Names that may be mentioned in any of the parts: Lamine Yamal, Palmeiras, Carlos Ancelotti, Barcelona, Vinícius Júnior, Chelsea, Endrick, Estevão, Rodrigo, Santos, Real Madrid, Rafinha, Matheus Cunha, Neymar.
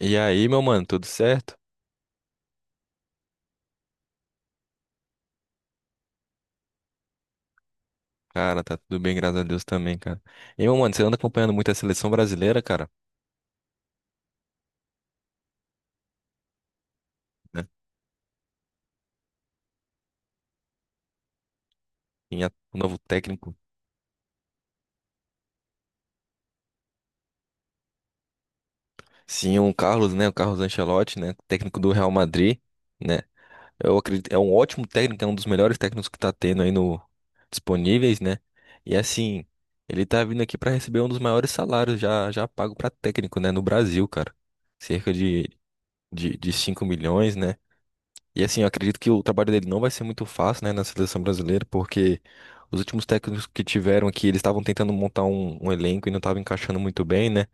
E aí, meu mano, tudo certo? Cara, tá tudo bem, graças a Deus também, cara. E, meu mano, você anda acompanhando muito a seleção brasileira, cara, né? Tem o novo técnico, sim, o Carlos, né? O Carlos Ancelotti, né? Técnico do Real Madrid, né? Eu acredito, é um ótimo técnico, é um dos melhores técnicos que tá tendo aí no disponíveis, né? E assim, ele tá vindo aqui pra receber um dos maiores salários já pago pra técnico, né, no Brasil, cara. Cerca de 5 milhões, né? E assim, eu acredito que o trabalho dele não vai ser muito fácil, né, na seleção brasileira, porque os últimos técnicos que tiveram aqui, eles estavam tentando montar um elenco e não estavam encaixando muito bem, né?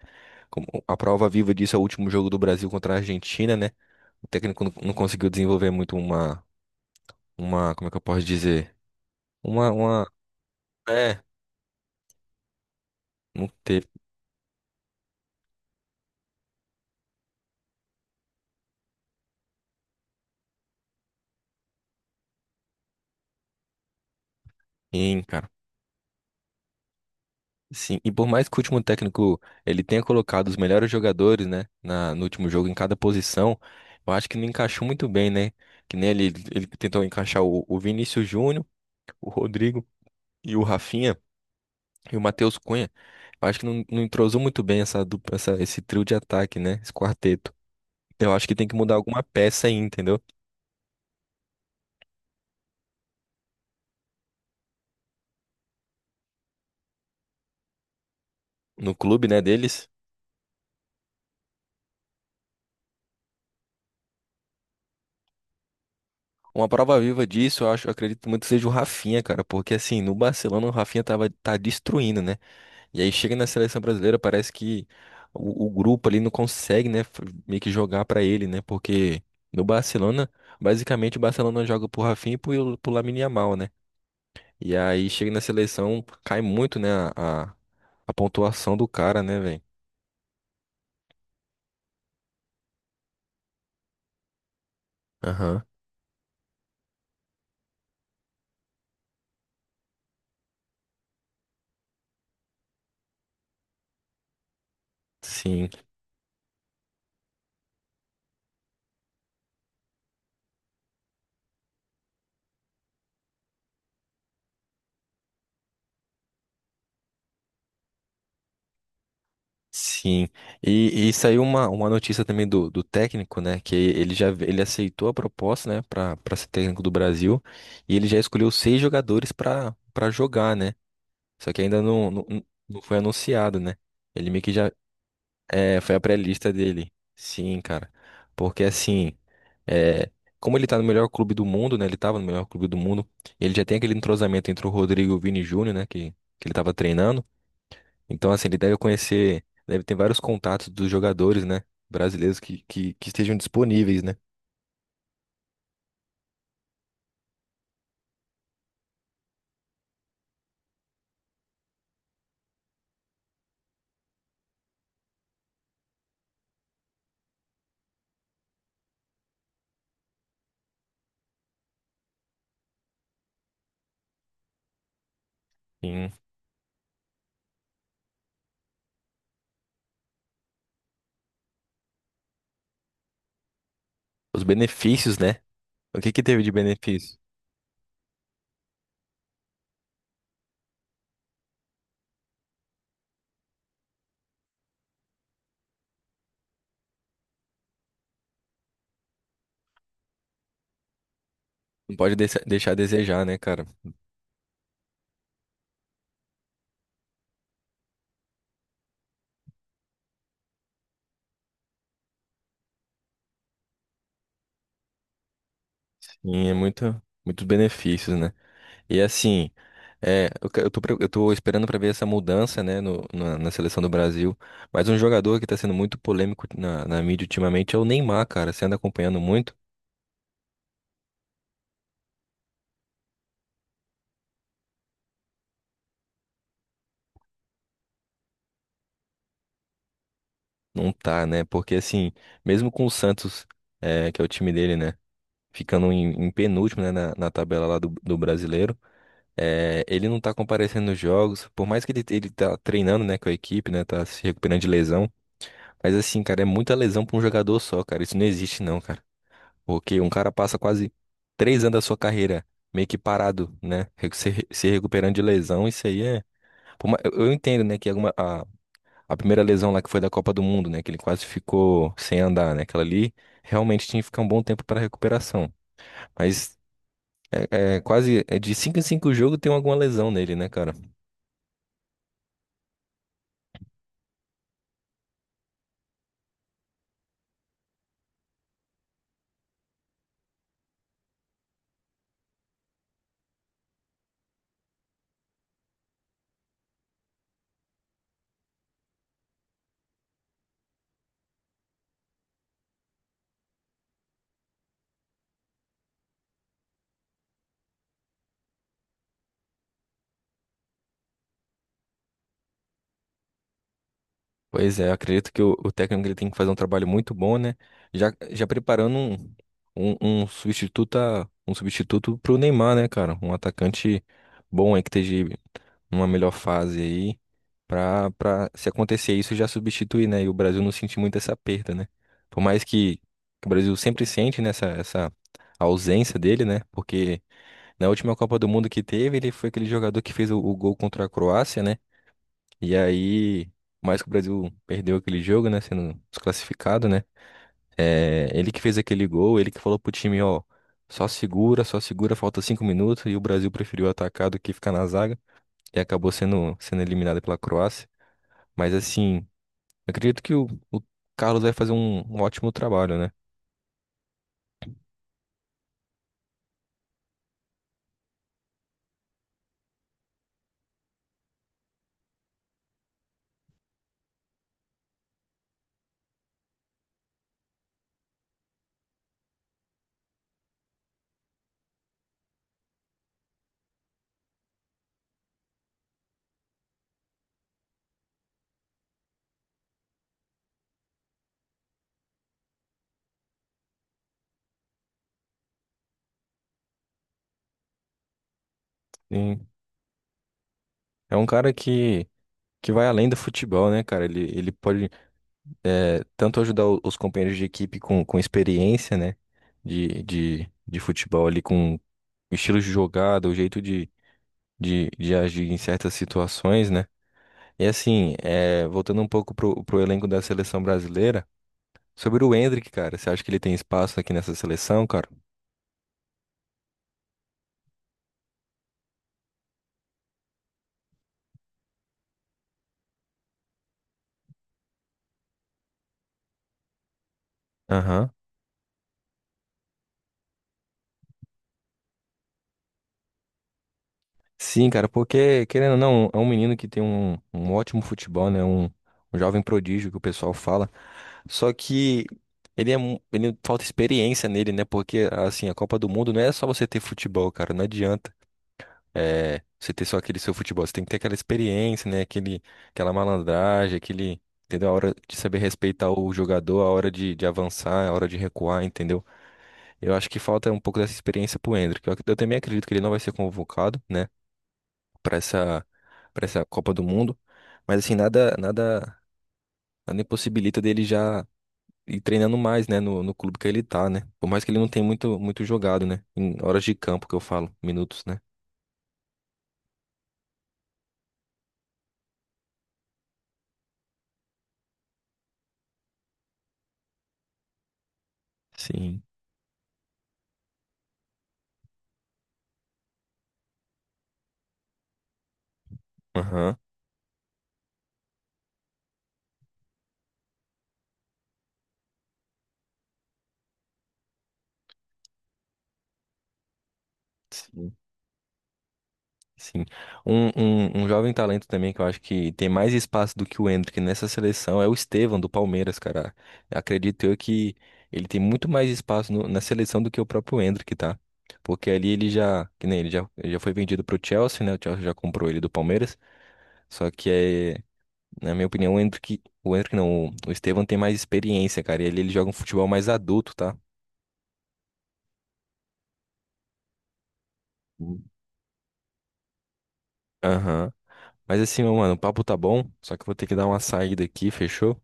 Como a prova viva disso é o último jogo do Brasil contra a Argentina, né? O técnico não conseguiu desenvolver muito uma, como é que eu posso dizer? Uma, uma, é, não teve, hein, cara. Sim, e por mais que o último técnico ele tenha colocado os melhores jogadores, né, no último jogo em cada posição, eu acho que não encaixou muito bem, né? Que nem ele, ele tentou encaixar o Vinícius Júnior, o Rodrigo e o Rafinha e o Matheus Cunha. Eu acho que não entrosou muito bem essa, essa esse trio de ataque, né? Esse quarteto. Então, eu acho que tem que mudar alguma peça aí, entendeu? No clube, né, deles. Uma prova viva disso, eu acho, eu acredito muito que seja o Rafinha, cara, porque assim, no Barcelona o Rafinha tá destruindo, né? E aí chega na seleção brasileira, parece que o grupo ali não consegue, né, meio que jogar pra ele, né? Porque no Barcelona, basicamente o Barcelona joga pro Rafinha e pro Lamine Yamal, né? E aí chega na seleção, cai muito, né, a a pontuação do cara, né, velho? Aham. Sim, sim. E saiu uma notícia também do técnico, né? Que ele já ele aceitou a proposta, né? Para para ser técnico do Brasil. E ele já escolheu seis jogadores para para jogar, né? Só que ainda não foi anunciado, né? Ele meio que já é, foi a pré-lista dele. Sim, cara. Porque assim, é, como ele tá no melhor clube do mundo, né? Ele tava no melhor clube do mundo. Ele já tem aquele entrosamento entre o Rodrigo e o Vini Júnior, né? Que ele tava treinando. Então, assim, ele deve conhecer, deve ter vários contatos dos jogadores, né? Brasileiros que estejam disponíveis, né? Sim. Os benefícios, né? O que que teve de benefício? Não pode deixar a desejar, né, cara? Sim, é muitos benefícios, né? E assim, é, eu, que- eu tô, pre- eu tô esperando pra ver essa mudança, né, na seleção do Brasil. Mas um jogador que tá sendo muito polêmico na mídia ultimamente é o Neymar, cara. Você anda acompanhando muito? Não tá, né? Porque assim, mesmo com o Santos, que é o time dele, né, ficando em penúltimo, né, na tabela lá do brasileiro, é, ele não tá comparecendo nos jogos. Por mais que ele tá treinando, né, com a equipe, né, tá se recuperando de lesão. Mas assim, cara, é muita lesão pra um jogador só, cara. Isso não existe, não, cara. Porque um cara passa quase três anos da sua carreira meio que parado, né? Se recuperando de lesão, isso aí é. Por ma- eu entendo, né, que alguma, a primeira lesão lá que foi da Copa do Mundo, né? Que ele quase ficou sem andar, né? Aquela ali realmente tinha que ficar um bom tempo para recuperação. Mas é quase de cinco em cinco jogos tem alguma lesão nele, né, cara? Pois é, eu acredito que o técnico ele tem que fazer um trabalho muito bom, né? Já preparando um um substituto pro Neymar, né, cara? Um atacante bom aí que esteja numa melhor fase aí pra se acontecer isso já substituir, né? E o Brasil não sentir muito essa perda, né? Por mais que o Brasil sempre sente nessa essa essa ausência dele, né? Porque na última Copa do Mundo que teve, ele foi aquele jogador que fez o gol contra a Croácia, né? E aí, por mais que o Brasil perdeu aquele jogo, né? Sendo desclassificado, né? É, ele que fez aquele gol, ele que falou pro time, ó, só segura, falta cinco minutos. E o Brasil preferiu atacar do que ficar na zaga. E acabou sendo eliminado pela Croácia. Mas assim, eu acredito que o Carlos vai fazer um ótimo trabalho, né? E é um cara que vai além do futebol, né, cara? Ele pode é, tanto ajudar os companheiros de equipe com experiência, né? De futebol ali com o estilo de jogada, o jeito de agir em certas situações, né? E assim, é, voltando um pouco pro elenco da seleção brasileira, sobre o Endrick, cara, você acha que ele tem espaço aqui nessa seleção, cara? Aham. Sim, cara, porque, querendo ou não, é um menino que tem um ótimo futebol, né? Um jovem prodígio que o pessoal fala. Só que ele falta experiência nele, né? Porque, assim, a Copa do Mundo não é só você ter futebol, cara, não adianta. É, você ter só aquele seu futebol, você tem que ter aquela experiência, né? Aquela malandragem, aquele, entendeu? A hora de saber respeitar o jogador, a hora de avançar, a hora de recuar, entendeu? Eu acho que falta um pouco dessa experiência pro Endrick. Eu também acredito que ele não vai ser convocado, né? Pra pra essa Copa do Mundo. Mas assim, nada impossibilita dele já ir treinando mais, né? No clube que ele tá, né? Por mais que ele não tenha muito jogado, né? Em horas de campo que eu falo, minutos, né? Sim. Aham. Sim. Sim. Um jovem talento também que eu acho que tem mais espaço do que o Endrick nessa seleção é o Estevão do Palmeiras, cara. Acredito eu que ele tem muito mais espaço na seleção do que o próprio Endrick, tá? Porque ali ele já, que nem ele já, ele já foi vendido pro Chelsea, né? O Chelsea já comprou ele do Palmeiras. Só que é, na minha opinião, o Endrick não, o Estevão tem mais experiência, cara. E ali ele joga um futebol mais adulto, tá? Hum. Aham. Mas assim, meu mano, o papo tá bom, só que eu vou ter que dar uma saída aqui, fechou?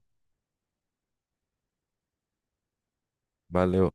Valeu.